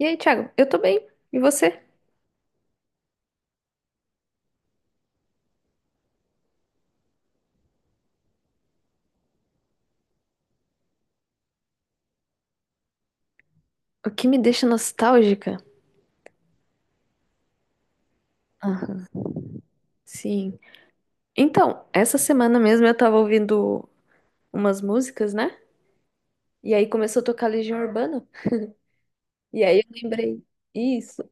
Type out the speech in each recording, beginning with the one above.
E aí, Thiago? Eu tô bem. E você? O que me deixa nostálgica? Aham. Sim. Então, essa semana mesmo eu tava ouvindo umas músicas, né? E aí começou a tocar Legião Urbana. E aí eu lembrei, isso.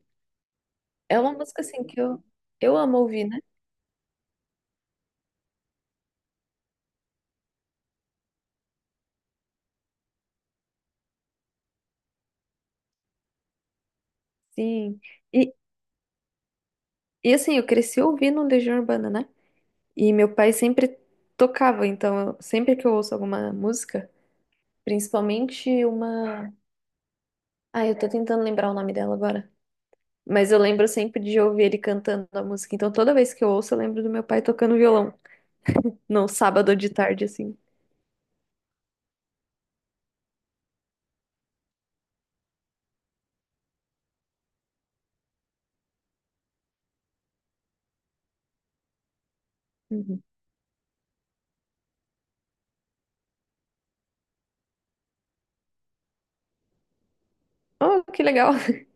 É uma música assim que eu amo ouvir, né? Sim. E, e assim, eu cresci ouvindo Legião Urbana, né? E meu pai sempre tocava, então sempre que eu ouço alguma música, principalmente uma. Ah, eu tô tentando lembrar o nome dela agora. Mas eu lembro sempre de ouvir ele cantando a música. Então toda vez que eu ouço, eu lembro do meu pai tocando violão. No sábado de tarde, assim. Uhum. Oh, que legal.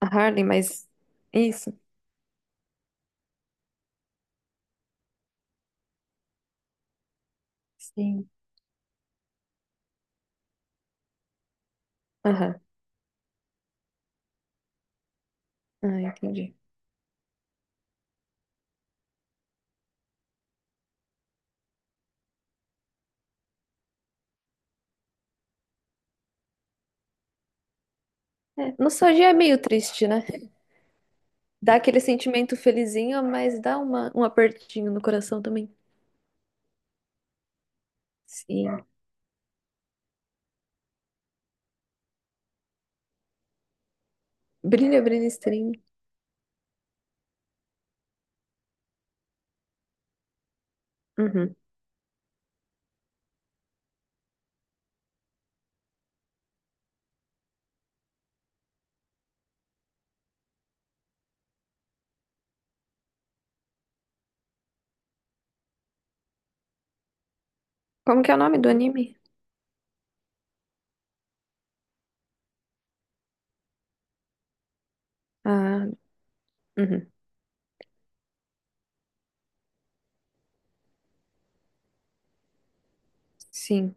A Harley, mas. Isso. Sim. Aham. Ah, entendi. É, nostalgia é meio triste, né? Dá aquele sentimento felizinho, mas dá um apertinho no coração também. Sim. Brilha, brilha, estranho. Uhum. Como que é o nome do anime? Ah, uhum. Sim.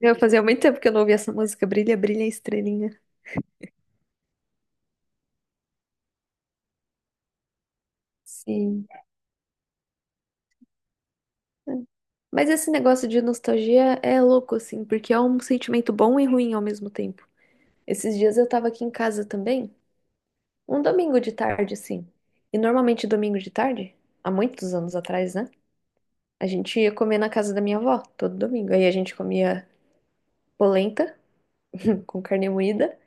Eu fazia muito tempo que eu não ouvia essa música. Brilha, brilha, estrelinha. Sim. Mas esse negócio de nostalgia é louco, assim, porque é um sentimento bom e ruim ao mesmo tempo. Esses dias eu tava aqui em casa também, um domingo de tarde, assim. E normalmente domingo de tarde, há muitos anos atrás, né? A gente ia comer na casa da minha avó, todo domingo. Aí a gente comia polenta com carne moída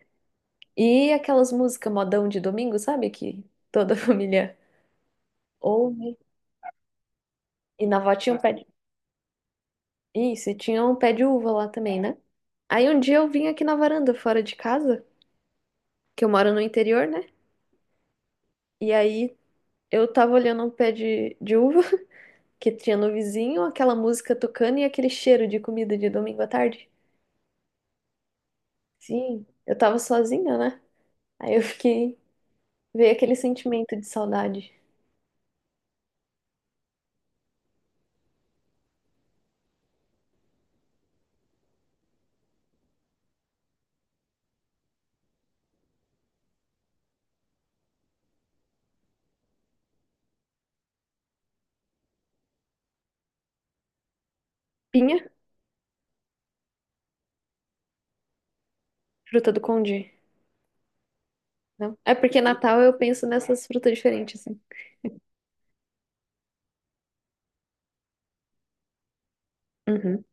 e aquelas músicas modão de domingo, sabe? Que toda a família ouve. E na avó tinha um pé de... Isso, e tinha um pé de uva lá também, né? Aí um dia eu vim aqui na varanda, fora de casa, que eu moro no interior, né? E aí eu tava olhando um pé de uva que tinha no vizinho, aquela música tocando e aquele cheiro de comida de domingo à tarde. Sim, eu tava sozinha, né? Aí eu fiquei, veio aquele sentimento de saudade. Pinha, fruta do congee. Não? É porque Natal eu penso nessas frutas diferentes, assim. Uhum,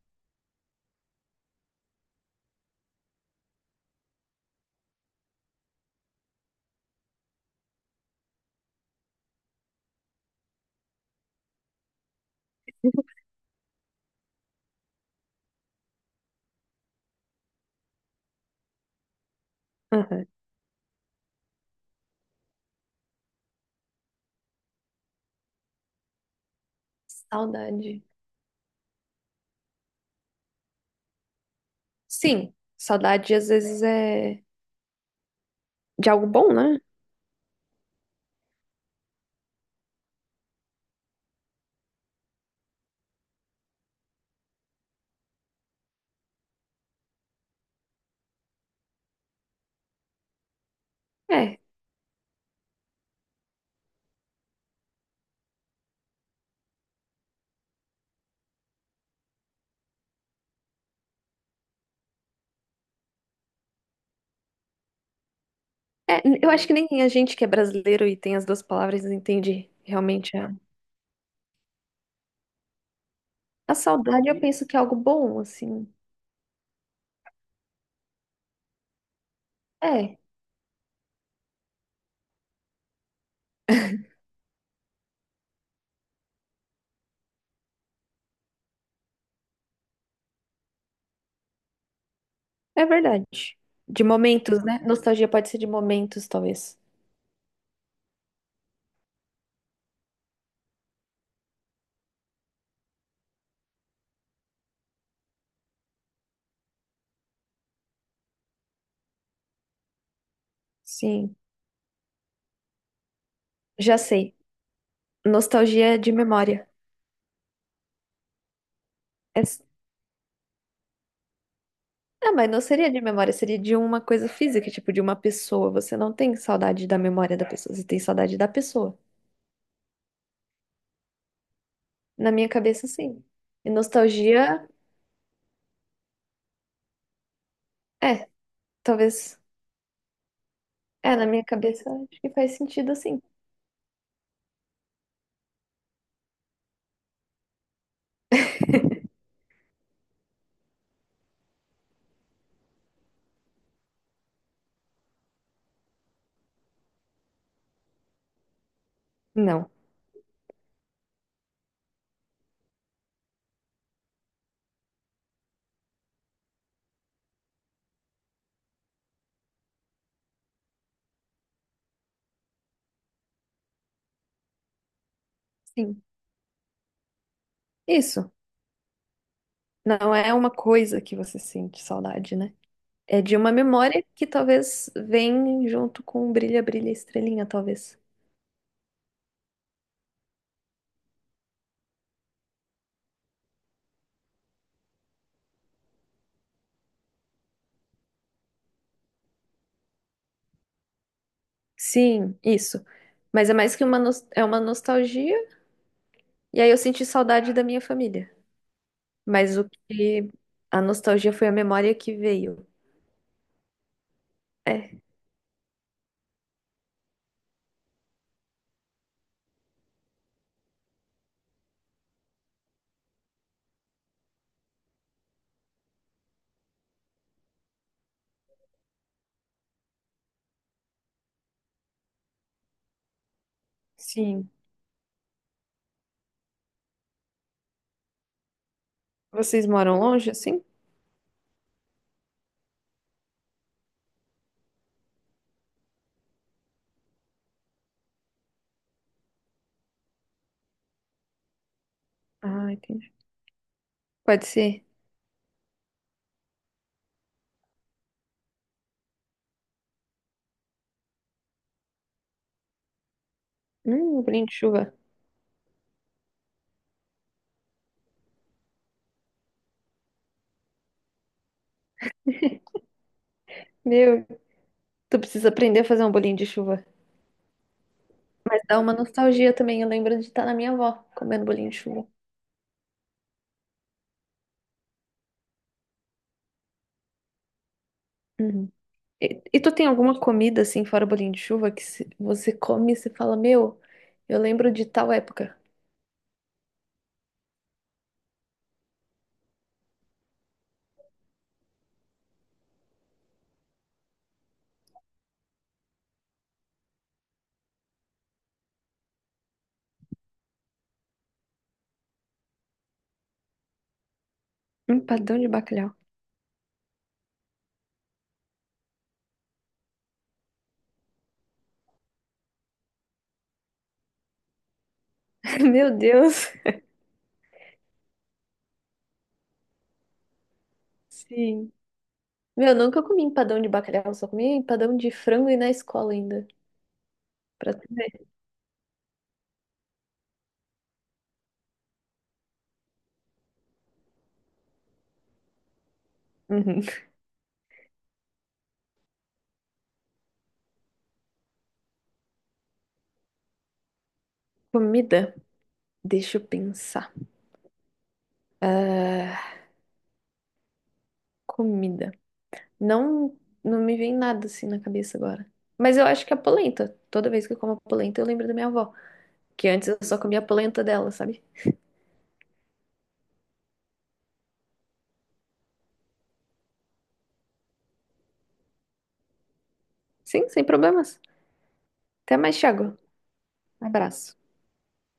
uhum. Saudade. Sim, saudade às vezes é de algo bom, né? É. É, eu acho que nem a gente que é brasileiro e tem as duas palavras entende realmente a... A saudade eu penso que é algo bom, assim. É, é, verdade. De momentos, né? Nostalgia pode ser de momentos, talvez. Sim, já sei. Nostalgia de memória. É... Ah, mas não seria de memória, seria de uma coisa física, tipo de uma pessoa. Você não tem saudade da memória da pessoa, você tem saudade da pessoa. Na minha cabeça, sim. E nostalgia, é, talvez. É, na minha cabeça, acho que faz sentido assim. Não. Sim. Isso. Não é uma coisa que você sente saudade, né? É de uma memória que talvez vem junto com Brilha, Brilha, Estrelinha, talvez. Sim, isso. Mas é mais que uma, é uma nostalgia. E aí eu senti saudade da minha família. Mas o que... A nostalgia foi a memória que veio. É, sim. Vocês moram longe, assim? Ah, entendi. Pode ser. Um bolinho de chuva. Meu, tu precisa aprender a fazer um bolinho de chuva. Mas dá uma nostalgia também. Eu lembro de estar na minha avó comendo bolinho de chuva. Uhum. E tu tem alguma comida assim, fora o bolinho de chuva, que você come e você fala, meu, eu lembro de tal época. Empadão de bacalhau. Meu Deus. Sim. Meu, nunca comi empadão de bacalhau, só comi empadão de frango e na escola ainda. Pra tu ver. Uhum. Comida? Deixa eu pensar. Ah, comida. Não, não me vem nada assim na cabeça agora. Mas eu acho que a polenta. Toda vez que eu como a polenta, eu lembro da minha avó. Que antes eu só comia a polenta dela, sabe? Sim, sem problemas. Até mais, Thiago. Um abraço.